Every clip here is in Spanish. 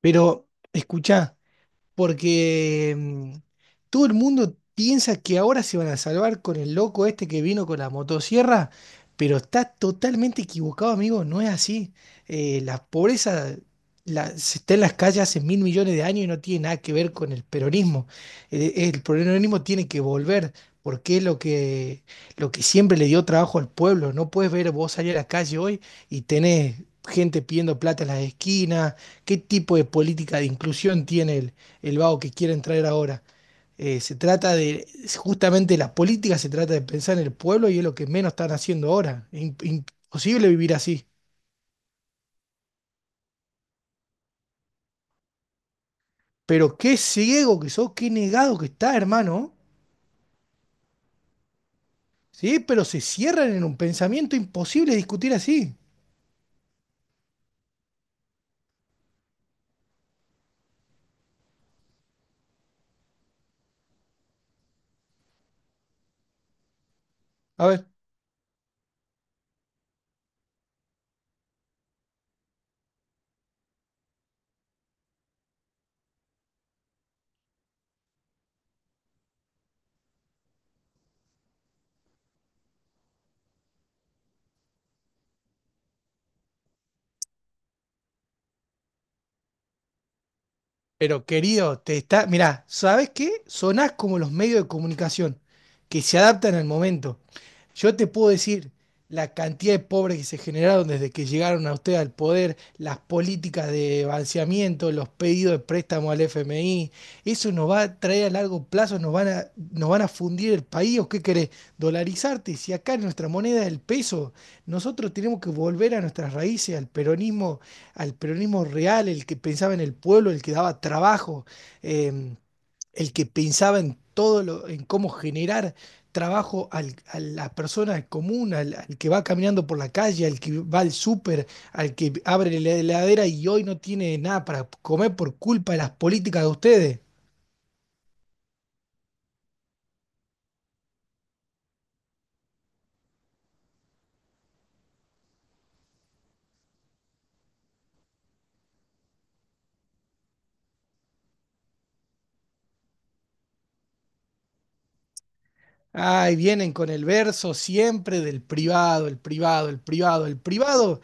Pero, escucha, porque todo el mundo piensa que ahora se van a salvar con el loco este que vino con la motosierra, pero está totalmente equivocado, amigo. No es así. La pobreza se está en las calles hace mil millones de años y no tiene nada que ver con el peronismo. El peronismo tiene que volver. Porque es lo que siempre le dio trabajo al pueblo. No puedes ver vos salir a la calle hoy y tenés gente pidiendo plata en las esquinas. ¿Qué tipo de política de inclusión tiene él? El vago que quieren traer ahora. Eh, se trata de, Justamente la política se trata de pensar en el pueblo y es lo que menos están haciendo ahora. Imposible vivir así. Pero qué ciego que sos, qué negado que está, hermano. Sí, pero se cierran en un pensamiento imposible discutir así. A ver. Pero querido, te está. Mirá, ¿sabes qué? Sonás como los medios de comunicación que se adaptan al momento. Yo te puedo decir la cantidad de pobres que se generaron desde que llegaron a usted al poder, las políticas de balanceamiento, los pedidos de préstamo al FMI. Eso nos va a traer a largo plazo, nos van a fundir el país. ¿O qué querés? Dolarizarte. Si acá nuestra moneda es el peso, nosotros tenemos que volver a nuestras raíces, al peronismo real, el que pensaba en el pueblo, el que daba trabajo, eh, el que pensaba en cómo generar trabajo al, a la persona común, que va caminando por la calle, al que va al súper, al que abre la heladera y hoy no tiene nada para comer por culpa de las políticas de ustedes. Ay, vienen con el verso siempre del privado, el privado, el privado, el privado.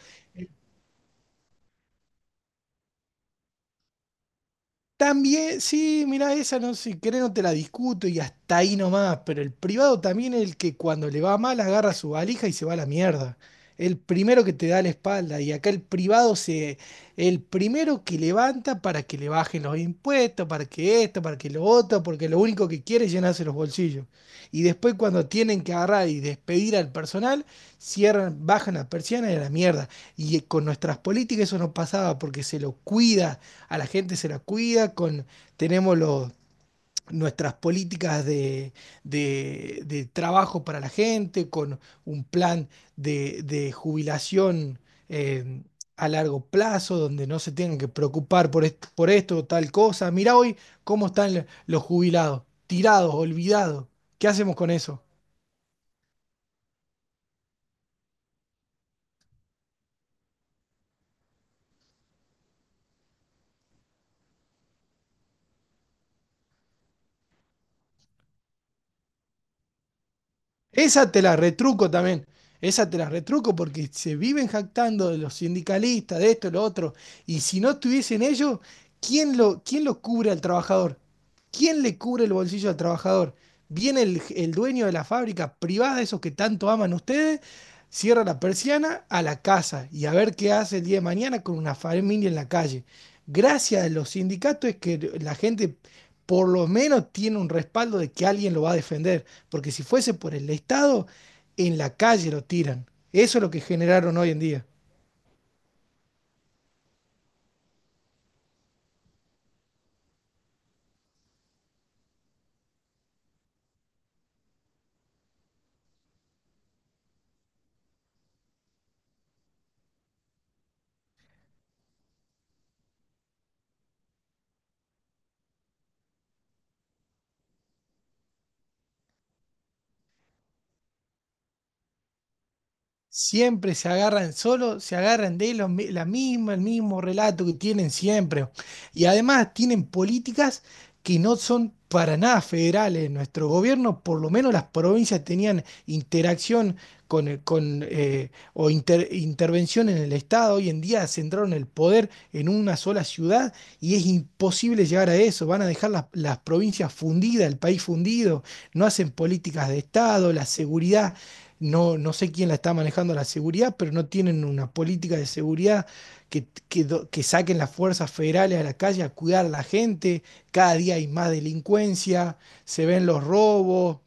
También, sí, mira, esa no si querés no te la discuto y hasta ahí nomás, pero el privado también es el que cuando le va mal agarra su valija y se va a la mierda. El primero que te da la espalda y acá el primero que levanta para que le bajen los impuestos, para que esto, para que lo otro, porque lo único que quiere es llenarse los bolsillos. Y después cuando tienen que agarrar y despedir al personal, cierran, bajan la persiana y a la mierda. Y con nuestras políticas eso no pasaba porque se lo cuida, a la gente se la cuida, tenemos los, nuestras políticas de trabajo para la gente, con un plan de jubilación eh, a largo plazo, donde no se tengan que preocupar por esto o tal cosa. Mirá hoy cómo están los jubilados, tirados, olvidados. ¿Qué hacemos con eso? Esa te la retruco también. Esa te la retruco porque se viven jactando de los sindicalistas, de esto, de lo otro. Y si no estuviesen ellos, ¿Quién lo cubre al trabajador? ¿Quién le cubre el bolsillo al trabajador? Viene el dueño de la fábrica privada, esos que tanto aman ustedes, cierra la persiana a la casa y a ver qué hace el día de mañana con una familia en la calle. Gracias a los sindicatos es que la gente por lo menos tiene un respaldo de que alguien lo va a defender, porque si fuese por el Estado, en la calle lo tiran. Eso es lo que generaron hoy en día. Siempre se agarran solo, se agarran la misma, el mismo relato que tienen siempre. Y además tienen políticas que no son para nada federales. Nuestro gobierno, por lo menos las provincias tenían interacción con, o intervención en el Estado. Hoy en día centraron el poder en una sola ciudad y es imposible llegar a eso. Van a dejar las provincias fundidas, el país fundido. No hacen políticas de Estado, la seguridad. No, no sé quién la está manejando la seguridad, pero no tienen una política de seguridad que saquen las fuerzas federales a la calle a cuidar a la gente. Cada día hay más delincuencia, se ven los robos.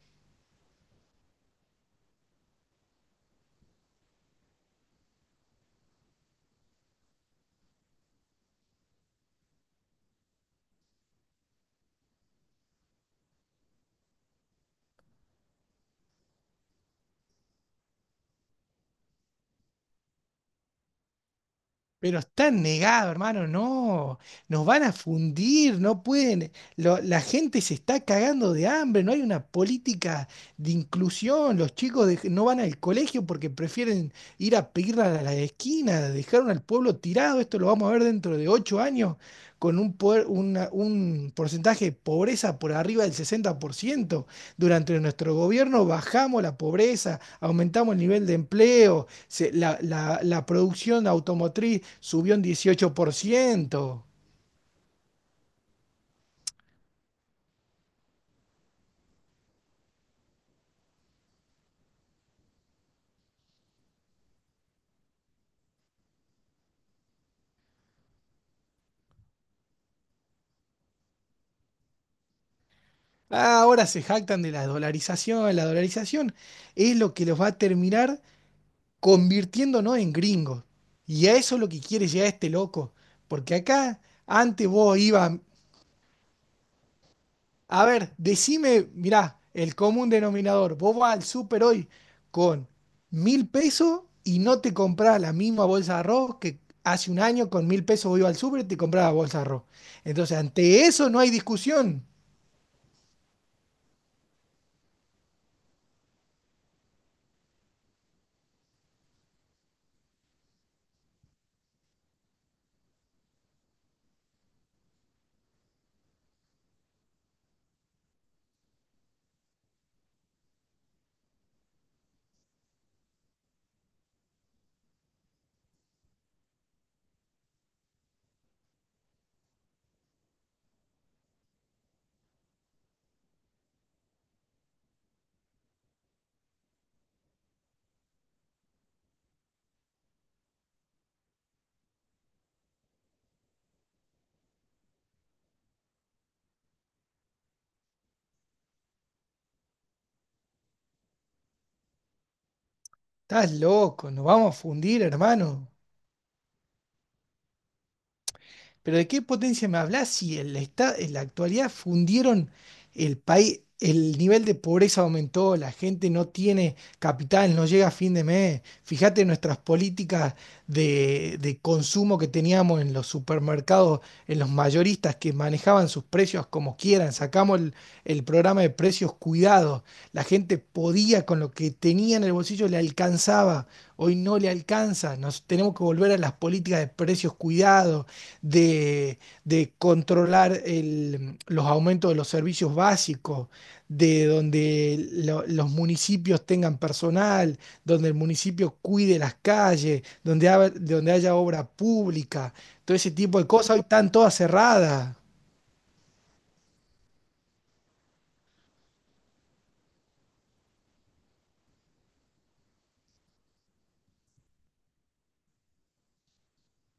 Pero están negados, hermano, no, nos van a fundir, no pueden, la gente se está cagando de hambre, no hay una política de inclusión, los chicos no van al colegio porque prefieren ir a pedir a la esquina, dejaron al pueblo tirado, esto lo vamos a ver dentro de 8 años, con un porcentaje de pobreza por arriba del 60%. Durante nuestro gobierno bajamos la pobreza, aumentamos el nivel de empleo, la producción automotriz subió un 18%. Ah, ahora se jactan de la dolarización. La dolarización es lo que los va a terminar convirtiéndonos en gringos. Y a eso es lo que quiere llegar este loco. Porque acá antes vos ibas. A ver, decime, mirá, el común denominador. Vos vas al súper hoy con 1.000 pesos y no te compras la misma bolsa de arroz que hace un año con 1.000 pesos vos ibas al súper y te comprabas la bolsa de arroz. Entonces, ante eso no hay discusión. Estás loco, nos vamos a fundir, hermano. Pero ¿de qué potencia me hablas si en en la actualidad fundieron el país, el nivel de pobreza aumentó, la gente no tiene capital, no llega a fin de mes? Fíjate nuestras políticas de consumo que teníamos en los supermercados, en los mayoristas que manejaban sus precios como quieran. Sacamos el programa de precios cuidados. La gente podía con lo que tenía en el bolsillo, le alcanzaba. Hoy no le alcanza. Nos tenemos que volver a las políticas de precios cuidados de, de controlar los aumentos de los servicios básicos, de donde los municipios tengan personal, donde el municipio cuide las calles, donde haya obra pública, todo ese tipo de cosas, hoy están todas cerradas.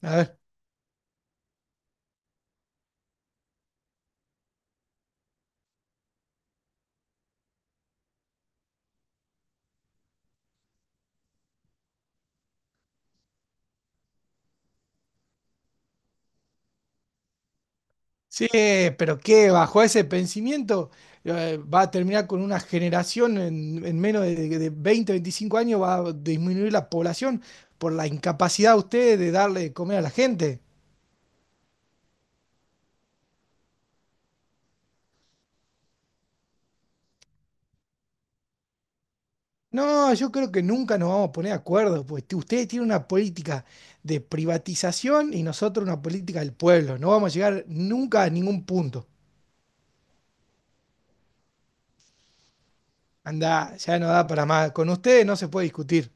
A ver. Sí, pero qué, bajo ese pensamiento va a terminar con una generación en menos de 20, 25 años, va a disminuir la población por la incapacidad de ustedes de darle de comer a la gente. No, yo creo que nunca nos vamos a poner de acuerdo, pues ustedes tienen una política de privatización y nosotros una política del pueblo. No vamos a llegar nunca a ningún punto. Anda, ya no da para más. Con ustedes no se puede discutir.